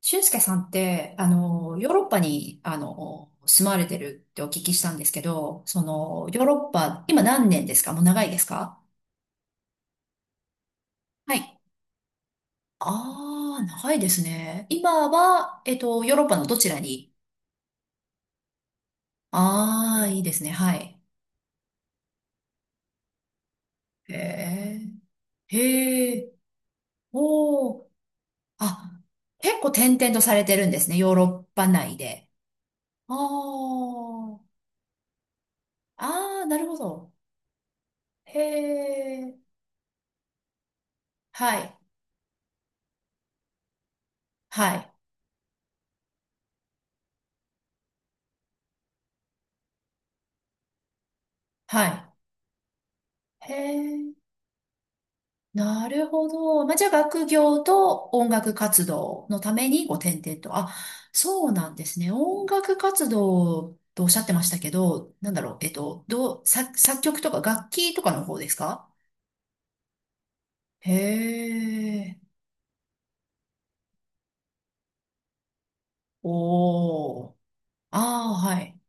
俊介さんって、ヨーロッパに、住まれてるってお聞きしたんですけど、ヨーロッパ、今何年ですか？もう長いですか？はい。ああー、長いですね。今は、ヨーロッパのどちらに？ああー、いいですね。はい。へえ、へえ、おお、あ、結構転々とされてるんですね。ヨーロッパ内で。ああ、ああ、なるほど。へえ、はい、はい、はい。へえ、なるほど。まあ、じゃあ学業と音楽活動のためにご転々と。あ、そうなんですね。音楽活動とおっしゃってましたけど、なんだろう、えっと、どう、作、作曲とか楽器とかの方ですか？へえ、おー。ああ、はい。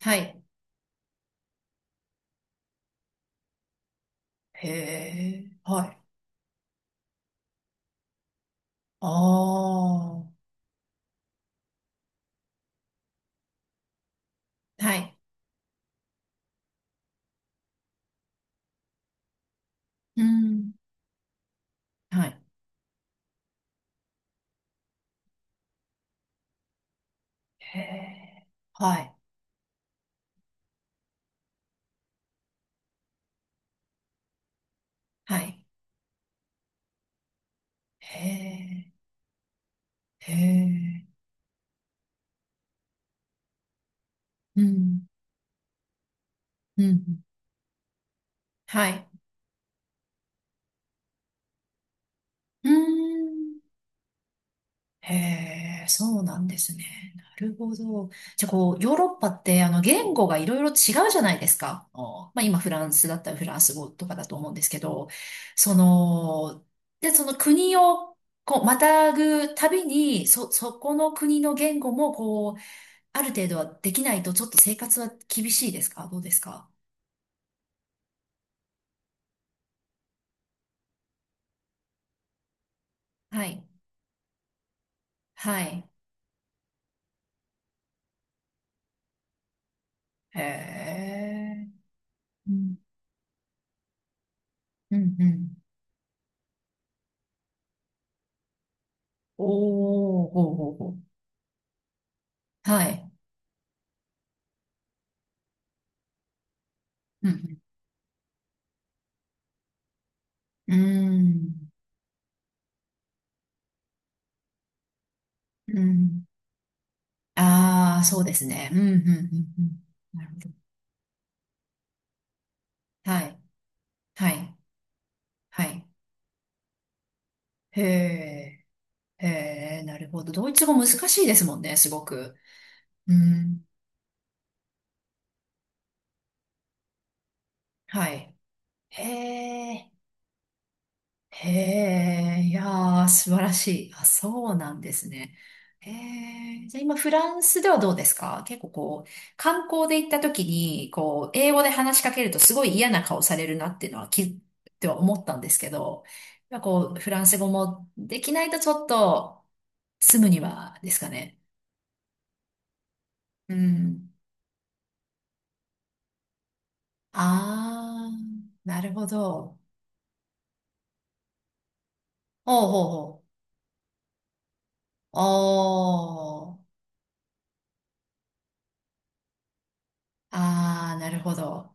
はい。へえ、はい。ああ、はい。うん、はい。へえ、はい。はい。へえ、へえ、うん。うん。はい。うーん。へえ、そうなんですね。なるほど。じゃあ、こう、ヨーロッパって、言語がいろいろ違うじゃないですか。あーまあ、今、フランスだったらフランス語とかだと思うんですけど、その、で、その国を、こう、またぐたびに、そこの国の言語も、こう、ある程度はできないと、ちょっと生活は厳しいですか？どうですか？はい。はい。へえ。うんうんうん。おー、ほうほうほう。はい。うん、うん、うん。ああー、そうですね。うん、うん、うん、うん。なるほど。はい、はい、はい。へえ、へえ、なるほど。ドイツ語難しいですもんね、すごく。うん、はい。へえ。へえ、いやー、素晴らしい。あ、そうなんですね。へえ、じゃあ今フランスではどうですか？結構こう、観光で行った時に、こう、英語で話しかけるとすごい嫌な顔されるなっていうのはっては思ったんですけど、やっぱこう、フランス語もできないとちょっと住むにはですかね。うん。あー、なるほど。おうほうほう。おー、あー、なるほど。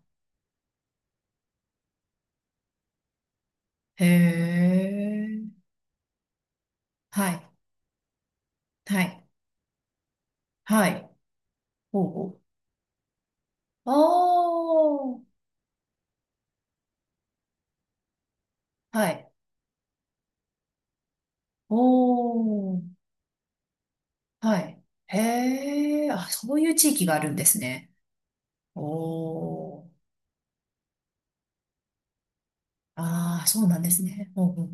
へえ。はい、はい、はい。おうおう。ああ、はい。おお、はい。へえ、あ、そういう地域があるんですね。おお、ああ、そうなんですね。おうおう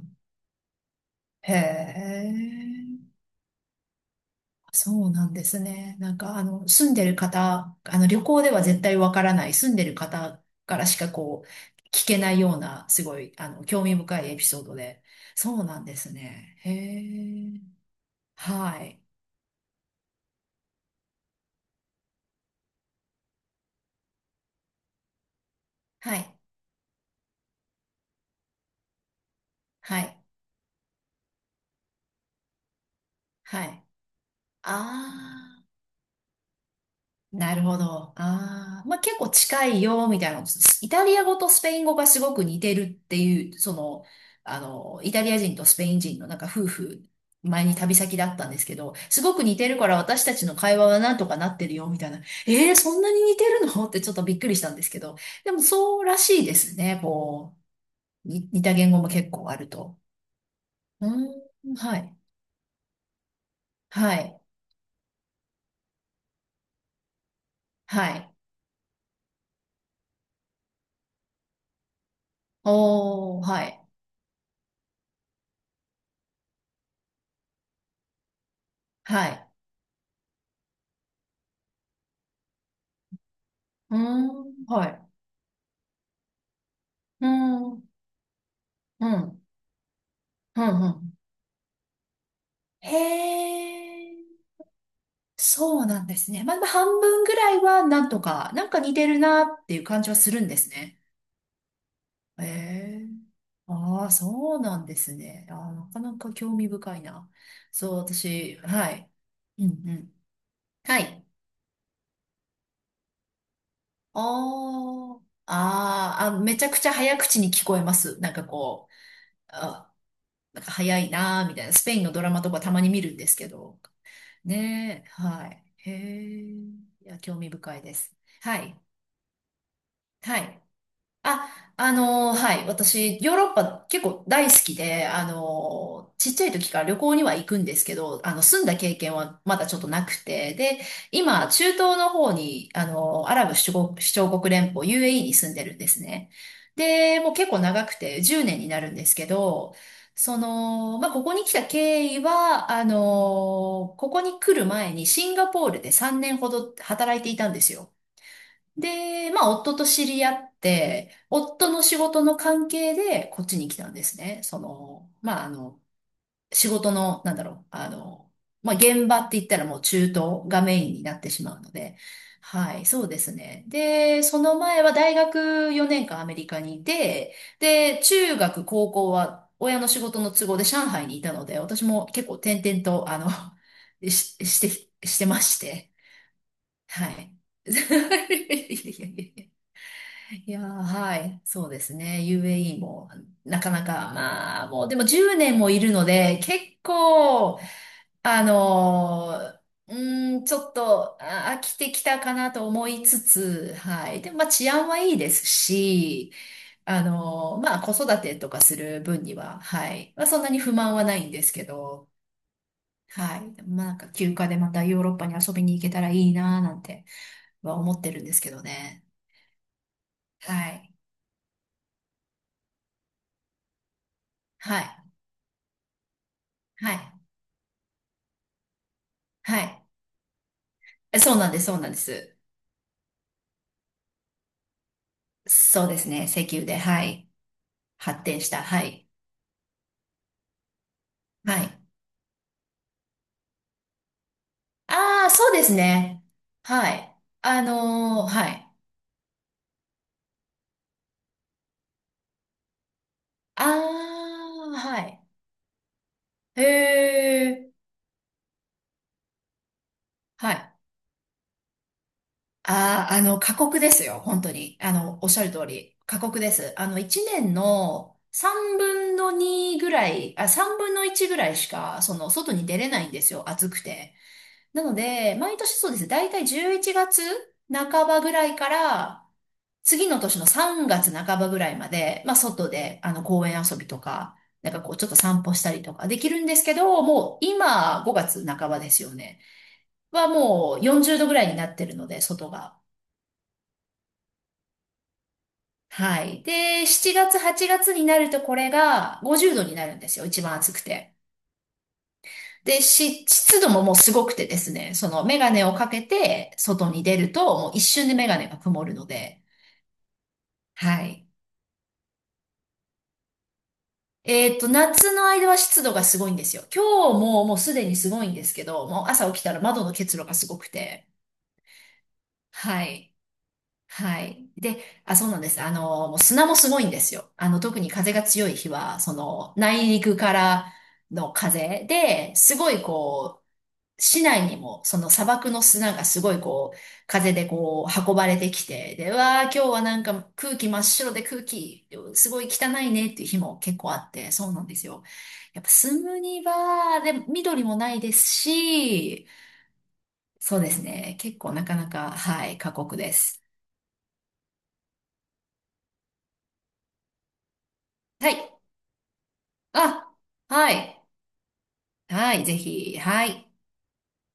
へえ、そうなんですね。なんか、住んでる方、旅行では絶対わからない、住んでる方からしかこう、聞けないような、すごい、興味深いエピソードで。そうなんですね。へえ、はい。はい。はい。はい。ああ、なるほど。ああ、まあ結構近いよ、みたいな。イタリア語とスペイン語がすごく似てるっていう、イタリア人とスペイン人のなんか夫婦、前に旅先だったんですけど、すごく似てるから私たちの会話はなんとかなってるよ、みたいな。えー、そんなに似てるのってちょっとびっくりしたんですけど、でもそうらしいですね、に似た言語も結構あると。うーん、はい。はい。はい。おー、はい。はい。うーん、はい。うーん、うん、うん、うん。へえ、そうなんですね。まあ、まあ半分ぐらいはなんとか、なんか似てるなっていう感じはするんですね。へえ、ああ、そうなんですね。ああ、なかなか興味深いな。そう、私、はい。うん、うん。はい。あーあー、あ、めちゃくちゃ早口に聞こえます。なんかこう、あ、なんか早いなーみたいな。スペインのドラマとかたまに見るんですけど。ねえ、はい。へえ、いや、興味深いです。はい、はい。あ、はい。私、ヨーロッパ結構大好きで、ちっちゃい時から旅行には行くんですけど、住んだ経験はまだちょっとなくて、で、今、中東の方に、アラブ首長首長国連邦 UAE に住んでるんですね。で、もう結構長くて10年になるんですけど、その、まあ、ここに来た経緯は、ここに来る前にシンガポールで3年ほど働いていたんですよ。で、まあ、夫と知り合って、夫の仕事の関係で、こっちに来たんですね。仕事の、まあ、現場って言ったらもう中東がメインになってしまうので、はい、そうですね。で、その前は大学4年間アメリカにいて、で、中学、高校は親の仕事の都合で上海にいたので、私も結構転々と、してまして、はい。いやいやいやいやー、はい。そうですね。UAE も、なかなか、まあ、もう、でも10年もいるので、結構、あのー、うちょっと、飽きてきたかなと思いつつ、はい。でも、まあ、治安はいいですし、まあ、子育てとかする分には、はい。まあ、そんなに不満はないんですけど、はい。でもまあ、なんか、休暇でまたヨーロッパに遊びに行けたらいいなーなんては思ってるんですけどね。はい。はい。はい。はい。そうなんです、そうなんです。そうですね、石油で、はい。発展した、はい。はい。ああ、そうですね。はい。はい。ああ、はい。へえ、はい。ああ、過酷ですよ、本当に。おっしゃる通り。過酷です。1年の3分の2ぐらい、あ、3分の1ぐらいしか、外に出れないんですよ、暑くて。なので、毎年そうです。だいたい11月半ばぐらいから、次の年の3月半ばぐらいまで、まあ外で、あの公園遊びとか、なんかこうちょっと散歩したりとかできるんですけど、もう今5月半ばですよね。はもう40度ぐらいになってるので、外が。はい。で、7月、8月になるとこれが50度になるんですよ。一番暑くて。で、湿度ももうすごくてですね、そのメガネをかけて外に出ると、もう一瞬でメガネが曇るので、はい。夏の間は湿度がすごいんですよ。今日ももうすでにすごいんですけど、もう朝起きたら窓の結露がすごくて。はい。はい。で、あ、そうなんです。もう砂もすごいんですよ。特に風が強い日は、その、内陸からの風で、すごいこ市内にもその砂漠の砂がすごいこう風でこう運ばれてきて、で、うわー今日はなんか空気真っ白で空気すごい汚いねっていう日も結構あって、そうなんですよ。やっぱ住むには、で、緑もないですし、そうですね。結構なかなか、はい、過酷です。はい。あ、はい。はい、ぜひ、はい。